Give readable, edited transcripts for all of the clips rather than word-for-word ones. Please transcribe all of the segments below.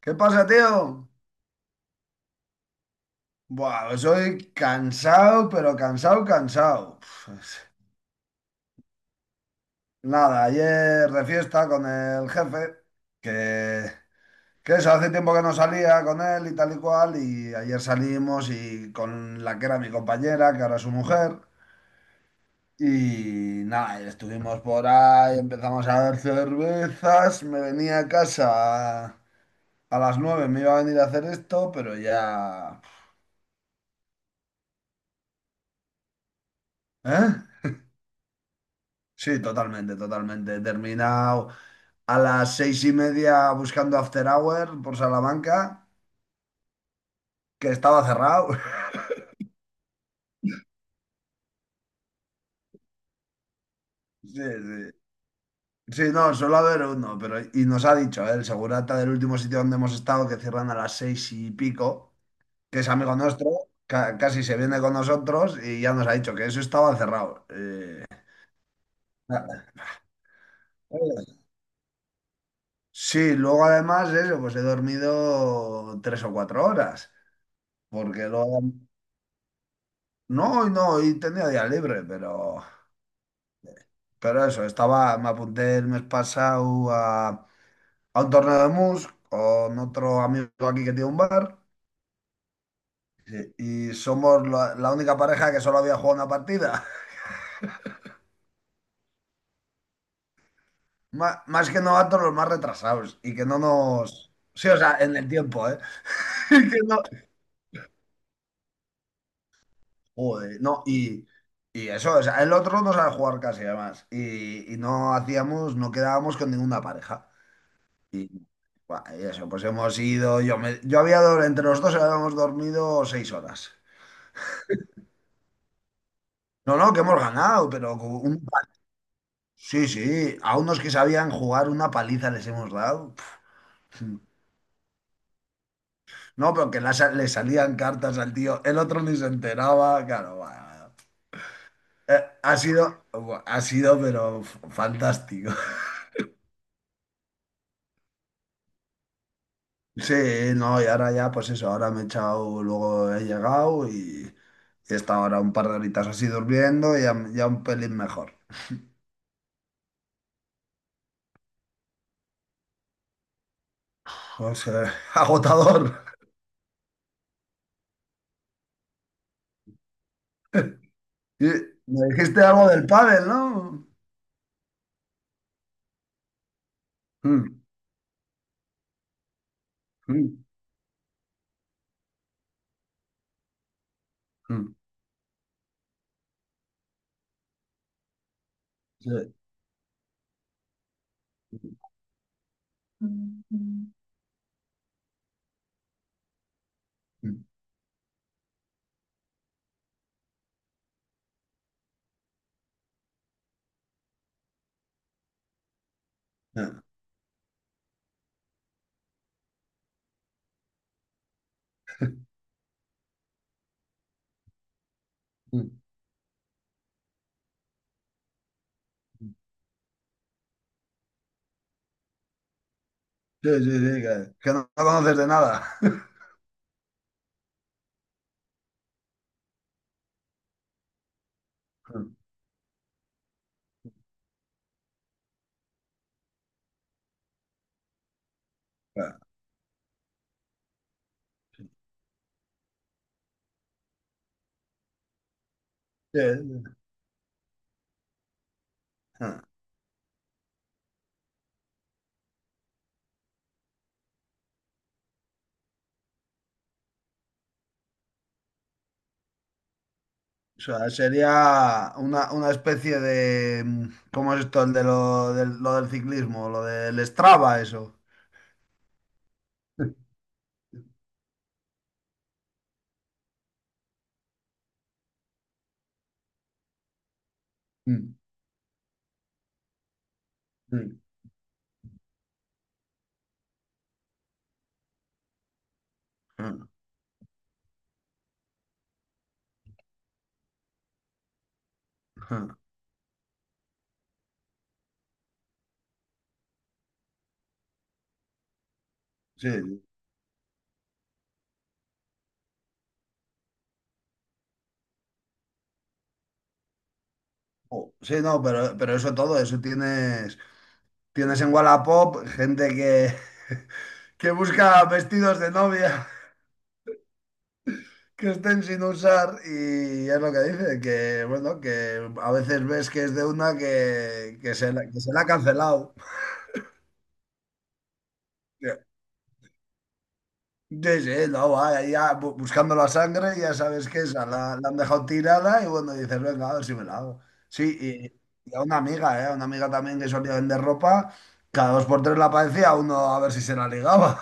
¿Qué pasa, tío? Buah, pues soy cansado, pero cansado, cansado. Pues, nada, ayer de fiesta con el jefe, que, que eso, hace tiempo que no salía con él y tal y cual, y ayer salimos y con la que era mi compañera, que ahora es su mujer, y nada, y estuvimos por ahí, empezamos a ver cervezas, me venía a casa a las nueve, me iba a venir a hacer esto, pero ya... ¿Eh? Sí, totalmente, totalmente. He terminado a las 6:30 buscando After Hour por Salamanca, que estaba cerrado. Sí, sí. Sí, no, suele haber uno, pero y nos ha dicho, ¿eh? El segurata del último sitio donde hemos estado, que cierran a las seis y pico, que es amigo nuestro, casi se viene con nosotros y ya nos ha dicho que eso estaba cerrado. Nada. Sí, luego además eso, pues he dormido 3 o 4 horas, porque luego... No, hoy no, hoy tenía día libre, pero... Pero eso, estaba, me apunté el mes pasado a un torneo de mus con otro amigo aquí que tiene un bar, sí, y somos la única pareja que solo había jugado una partida. Más, que novatos, los más retrasados y que no nos... Sí, o sea, en el tiempo, ¿eh? Y que no... Joder, no, y eso, o sea, el otro no sabe jugar casi además y no hacíamos, no quedábamos con ninguna pareja. Y, buah, y eso, pues hemos ido, yo, me- yo había, dor- entre los dos habíamos dormido 6 horas. No, no, que hemos ganado, pero con un... Sí, sí, a unos que sabían jugar una paliza les hemos dado. Pf, No, pero que le salían cartas al tío, el otro ni se enteraba, claro, va. Eh, ha sido, ha sido, pero fantástico. Sí, no, y ahora ya, pues eso, ahora me he echado, luego he llegado y he estado ahora un par de horitas así durmiendo y ya un pelín mejor. O sea, agotador. Y me dijiste algo del pádel, ¿no? Mm, mm, mm. Sí. Mm, mm, mm, ah, mm. Sí, sí, sí, que no la conoces de nada. Ah, sí, sí, ah. O sea, sería una, especie de... ¿Cómo es esto? El de lo del ciclismo, lo del Strava, eso. Mm, mm, ah, ah. Sí, sí. Oh, sí, no, pero eso todo, eso tienes en Wallapop gente que, que busca vestidos de novia que estén sin usar y es lo que dice, que bueno, que a veces ves que es de una que se la ha cancelado. Sí, sí, no, va, ya buscando la sangre, ya sabes que esa la han dejado tirada y bueno, dices, venga, a ver si me la hago. Sí, y a una amiga, ¿eh? A una amiga también que solía vender ropa, cada dos por tres la aparecía uno a ver si se la ligaba.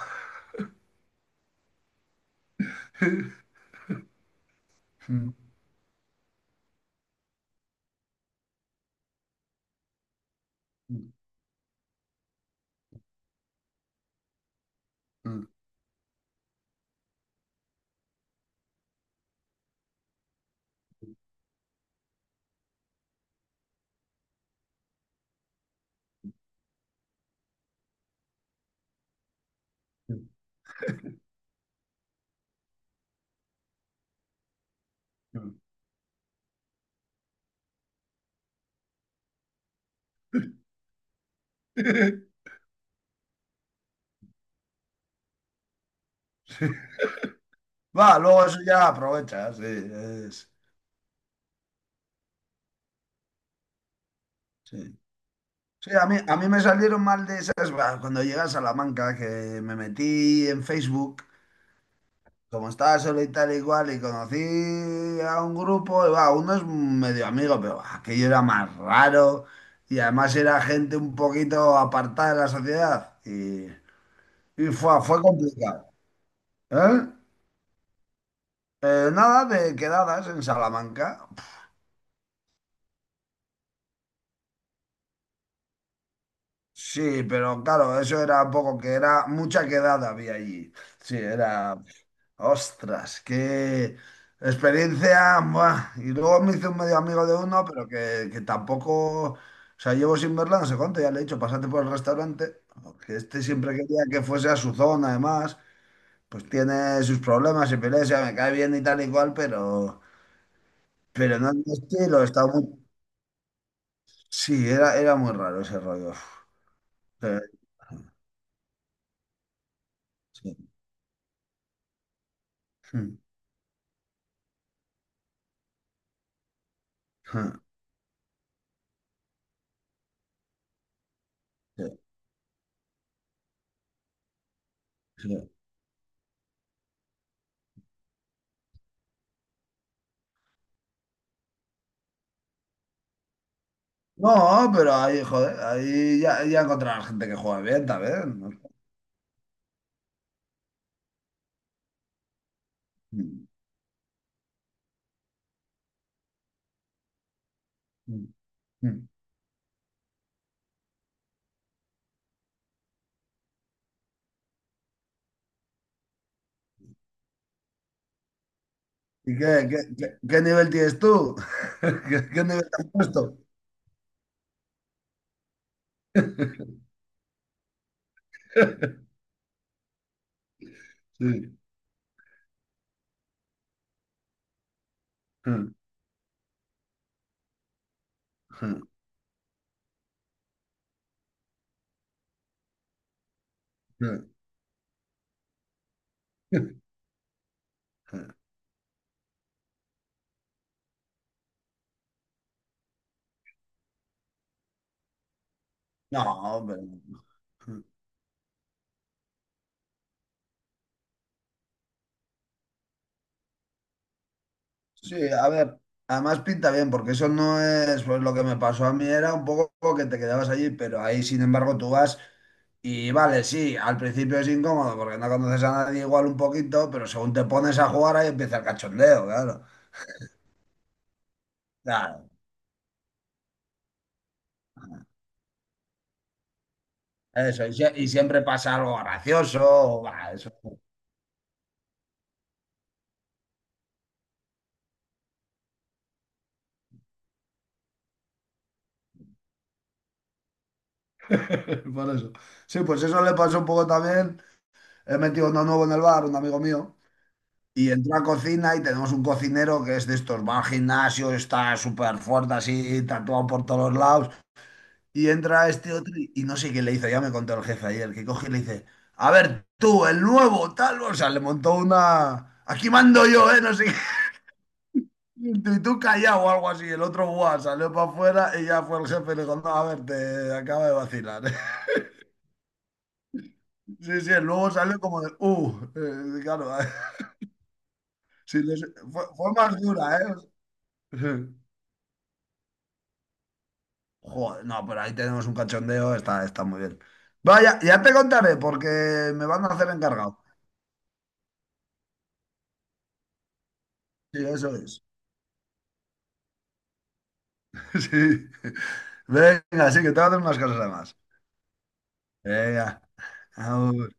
Va, luego eso ya aprovecha, sí, sí. Sí, a mí me salieron mal de esas, bah, cuando llegué a Salamanca, que me metí en Facebook, como estaba solo y tal igual, y conocí a un grupo, y bah, uno es medio amigo, pero bah, aquello era más raro, y además era gente un poquito apartada de la sociedad, y fue complicado. ¿Eh? Nada de quedadas en Salamanca. Sí, pero claro, eso era un poco que era mucha quedada había allí. Sí, era. Ostras, qué experiencia. Buah. Y luego me hice un medio amigo de uno, pero que tampoco, o sea, llevo sin verla no sé cuánto, ya le he dicho, pásate por el restaurante, que este siempre quería que fuese a su zona, además, pues tiene sus problemas y peleas, ya me cae bien y tal y cual, pero no es mi estilo, está muy... Sí, era muy raro ese rollo. Eh, Sí. Mm. Ja, sí, sí. No, pero ahí, joder, ahí ya encontrarás gente que juega bien, también, ¿no? Hmm. Mm, mm. ¿Y qué nivel tienes tú? ¿Qué nivel te has puesto? Sí. Mm, mm, mm. No, hombre. Sí, a ver, además pinta bien, porque eso no es, pues lo que me pasó a mí era un poco que te quedabas allí, pero ahí sin embargo tú vas y vale, sí, al principio es incómodo porque no conoces a nadie igual un poquito, pero según te pones a jugar ahí empieza el cachondeo, claro. Claro, eso, y, siempre pasa algo gracioso, o, bah, eso. Por eso. Sí, pues eso le pasó un poco también. He metido uno nuevo en el bar, un amigo mío, y entró a cocina y tenemos un cocinero que es de estos, va al gimnasio, está súper fuerte así, tatuado por todos lados, y entra este otro y no sé qué le hizo, ya me contó el jefe ayer, que coge y le dice, a ver, tú, el nuevo, tal, o sea, le montó una... Aquí mando yo, ¿eh? No sé qué. Y tú callado o algo así. El otro, guau, salió para afuera y ya fue el jefe y le dijo, no, a ver, te acaba de vacilar. Sí, sí, luego sale como de, claro, sí, fue más dura, ¿eh? Sí. Joder, no, pero ahí tenemos un cachondeo, está muy bien. Vaya, ya te contaré porque me van a hacer encargado. Sí, eso es. Sí. Venga, sí, que te voy a hacer unas cosas además. Venga, agur.